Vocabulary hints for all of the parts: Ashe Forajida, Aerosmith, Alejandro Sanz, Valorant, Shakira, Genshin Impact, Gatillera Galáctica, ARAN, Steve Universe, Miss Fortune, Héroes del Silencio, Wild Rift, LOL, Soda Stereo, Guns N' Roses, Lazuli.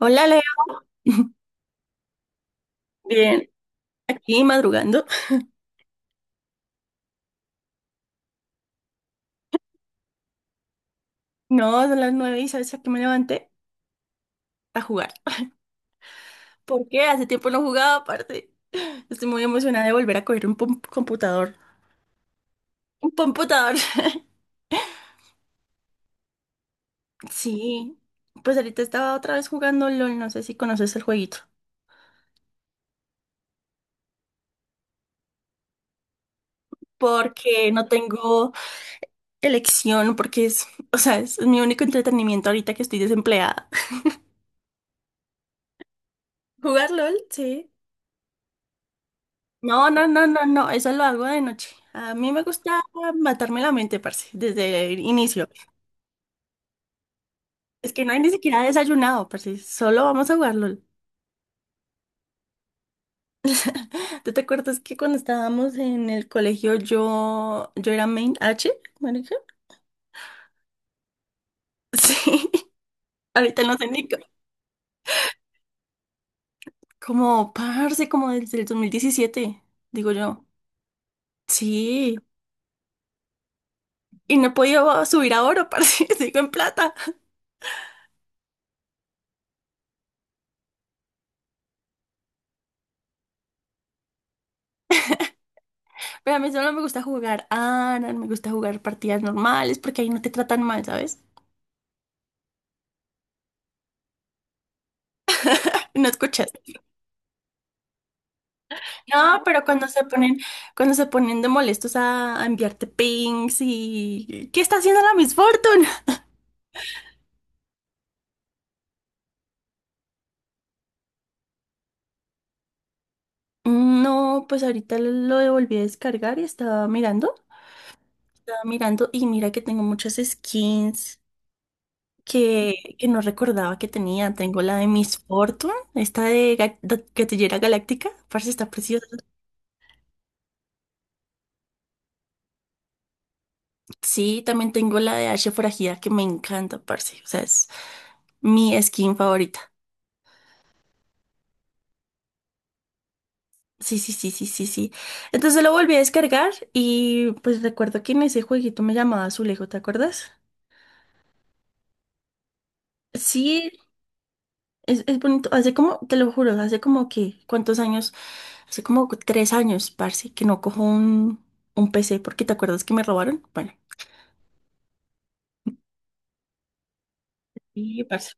Hola Leo. Bien, aquí madrugando. No, son las nueve y sabes a qué me levanté: a jugar. ¿Por qué? Hace tiempo no jugaba, aparte. Estoy muy emocionada de volver a coger un computador. Un computador. Sí, pues ahorita estaba otra vez jugando LOL, no sé si conoces el jueguito. Porque no tengo elección, porque es, o sea, es mi único entretenimiento ahorita que estoy desempleada. ¿Jugar LOL? Sí. No, no, no, no, no, eso lo hago de noche. A mí me gusta matarme la mente, parce, desde el inicio. Es que no hay ni siquiera desayunado, parce, solo vamos a jugar LOL. ¿Tú te acuerdas que cuando estábamos en el colegio yo era main H, marica? Sí, ahorita no sé ni como, parce, como desde el 2017, digo yo. Sí, y no he podido subir a oro, parce, sigo en plata. Pero a mí solo me gusta jugar ARAN, me gusta jugar partidas normales, porque ahí no te tratan mal, ¿sabes? No escuchas. No, pero cuando se ponen de molestos a enviarte pings y ¿qué está haciendo la Miss Fortune? No, pues ahorita lo volví a descargar y estaba mirando y mira que tengo muchas skins que no recordaba que tenía. Tengo la de Miss Fortune, esta de, de Gatillera Galáctica, parce, está preciosa. Sí, también tengo la de Ashe Forajida que me encanta, parce. O sea, es mi skin favorita. Sí, sí, sí, sí, sí, sí. Entonces lo volví a descargar y pues recuerdo que en ese jueguito me llamaba Azulejo, ¿te acuerdas? Sí, es bonito. Hace como, te lo juro, hace como que, ¿cuántos años? Hace como tres años, parce, que no cojo un PC porque ¿te acuerdas que me robaron? Bueno, sí, parce.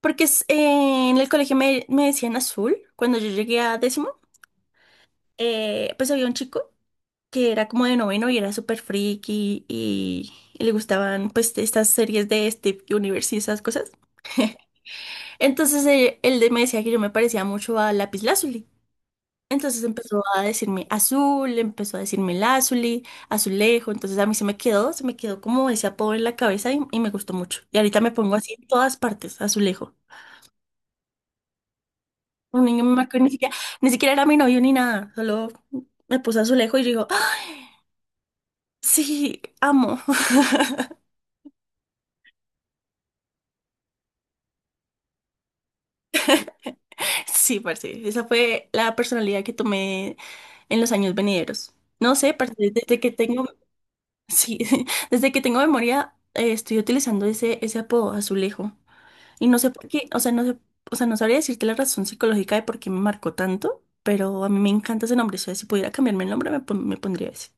Porque es, en el colegio me, me decían azul cuando yo llegué a décimo. Pues había un chico que era como de noveno y era súper friki y le gustaban pues estas series de Steve Universe y esas cosas. Entonces él me decía que yo me parecía mucho a Lazuli. Entonces empezó a decirme azul, empezó a decirme Lazuli, azulejo. Entonces a mí se me quedó como ese apodo en la cabeza y me gustó mucho. Y ahorita me pongo así en todas partes, azulejo. Un niño me marcó y ni siquiera, ni siquiera era mi novio ni nada, solo me puso azulejo y yo digo, ¡ah, sí, amo! Sí, parce. Esa fue la personalidad que tomé en los años venideros. No sé, parce, desde que tengo, sí, desde que tengo memoria, estoy utilizando ese, ese apodo, azulejo. Y no sé por qué, o sea, no sé, o sea, no sabría decirte la razón psicológica de por qué me marcó tanto, pero a mí me encanta ese nombre. O sea, si pudiera cambiarme el nombre, me, me pondría ese.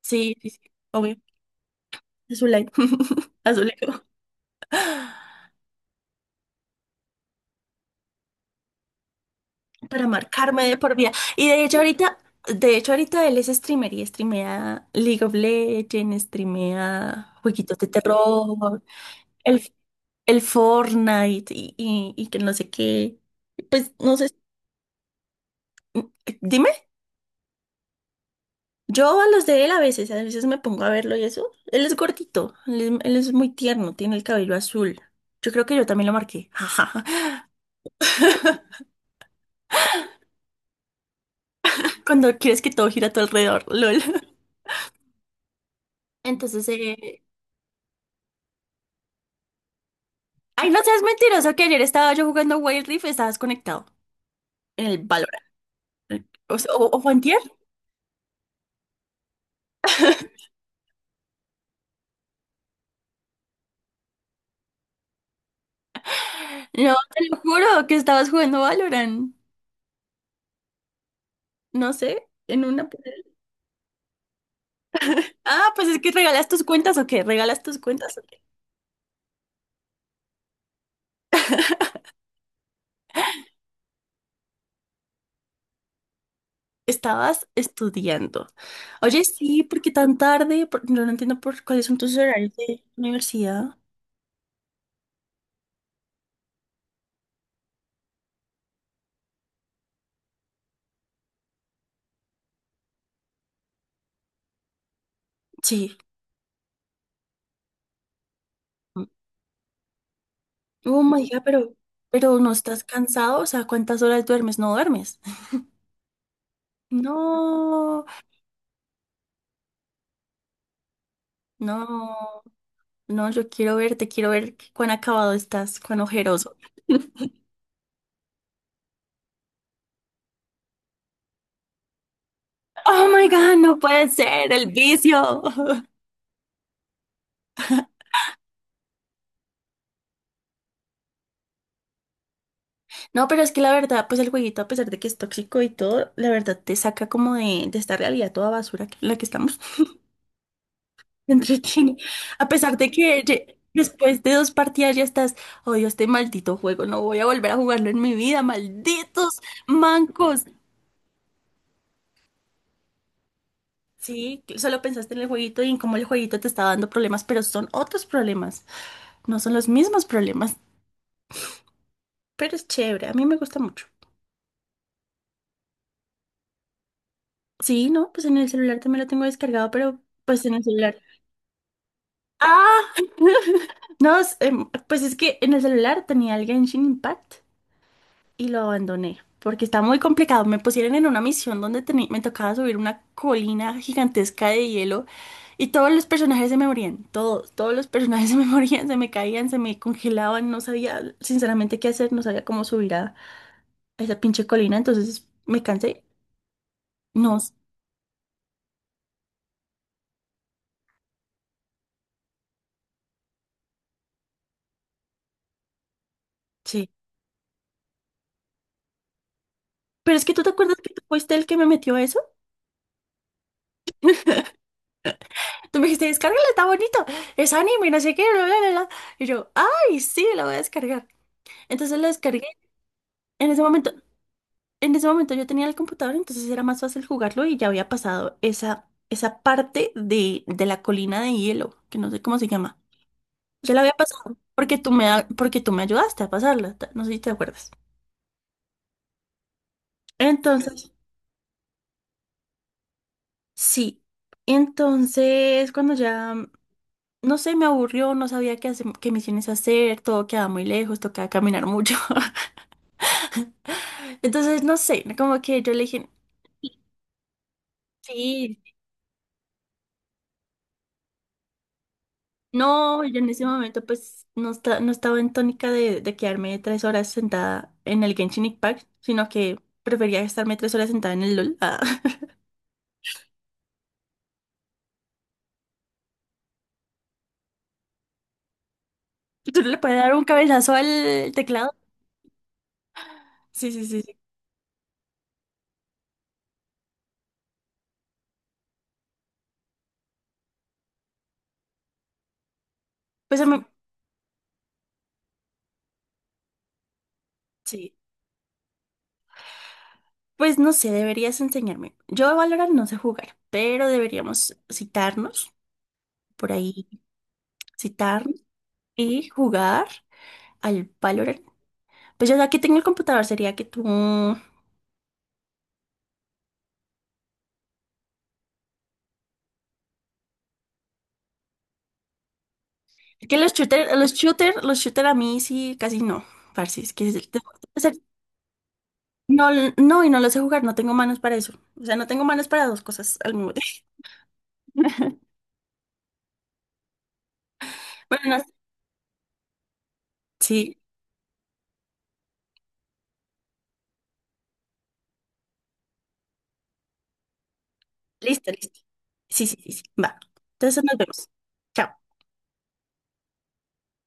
Sí, sí, sí, obvio. Azulay. Azulejo. Para marcarme de por vida. Y de hecho ahorita él es streamer y streamea League of Legends, streamea jueguitos de terror, el, el Fortnite y que no sé qué. Pues no sé, mm, dime, yo a los de él a veces me pongo a verlo y eso. Él es gordito, él es muy tierno, tiene el cabello azul. Yo creo que yo también lo marqué. Cuando quieres que todo gira a tu alrededor, LOL. Entonces, ay, no seas mentiroso que ayer estaba yo jugando Wild Rift y estabas conectado en el Valorant. O sea, o fue antier. No, te lo juro que estabas jugando Valorant. No sé, en una... Ah, pues es que regalas tus cuentas o qué, regalas tus cuentas o qué. Estabas estudiando. Oye, sí, ¿por qué tan tarde? No, no entiendo por cuáles son tus horarios de universidad. Sí. Oh my God, pero no estás cansado, o sea, ¿cuántas horas duermes? No duermes. No, no. No, yo quiero verte, quiero ver cuán acabado estás, cuán ojeroso. Oh my God, no puede ser, el vicio. No, pero es que la verdad, pues el jueguito, a pesar de que es tóxico y todo, la verdad te saca como de esta realidad toda basura en la que estamos. Te entretiene. A pesar de que después de dos partidas ya estás, odio este maldito juego, no voy a volver a jugarlo en mi vida, malditos mancos. Sí, que solo pensaste en el jueguito y en cómo el jueguito te está dando problemas, pero son otros problemas, no son los mismos problemas. Pero es chévere, a mí me gusta mucho. Sí, no, pues en el celular también lo tengo descargado, pero pues en el celular. ¡Ah! No, es, pues es que en el celular tenía el Genshin Impact y lo abandoné porque está muy complicado. Me pusieron en una misión donde me tocaba subir una colina gigantesca de hielo y todos los personajes se me morían, todos, todos los personajes se me morían, se me caían, se me congelaban, no sabía sinceramente qué hacer, no sabía cómo subir a esa pinche colina, entonces me cansé. No, sí. Pero es que tú te acuerdas que tú fuiste el que me metió eso. Tú me dijiste, descárgala, está bonito, es anime, no sé qué, bla, bla, bla, bla. Y yo, ay, sí, la voy a descargar. Entonces la descargué. En ese momento, en ese momento yo tenía el computador, entonces era más fácil jugarlo y ya había pasado esa, esa parte de la colina de hielo, que no sé cómo se llama. Ya la había pasado porque tú me, porque tú me ayudaste a pasarla, no sé si te acuerdas. Entonces, sí. Entonces, cuando ya, no sé, me aburrió, no sabía qué, qué misiones hacer, todo quedaba muy lejos, tocaba caminar mucho. Entonces, no sé, como que yo le dije, sí, no, yo en ese momento pues no, no estaba en tónica de quedarme tres horas sentada en el Genshin Impact, sino que prefería estarme tres horas sentada en el LOL. Ah. ¿Tú no le puedes dar un cabezazo al teclado? Sí, sí, sí, sí. Pues a mí- sí. Pues no sé, deberías enseñarme. Yo a Valorant no sé jugar, pero deberíamos citarnos por ahí, citarnos y jugar al Valorant. Pues yo ya que tengo el computador sería que tú... Que los shooters los shooter a mí sí casi no, parce, es que o sea, no, no, y no lo sé jugar, no tengo manos para eso. O sea, no tengo manos para dos cosas al mismo tiempo. Bueno, no, sí, listo, listo. Sí, sí, sí, sí, va. Entonces nos vemos. Chao.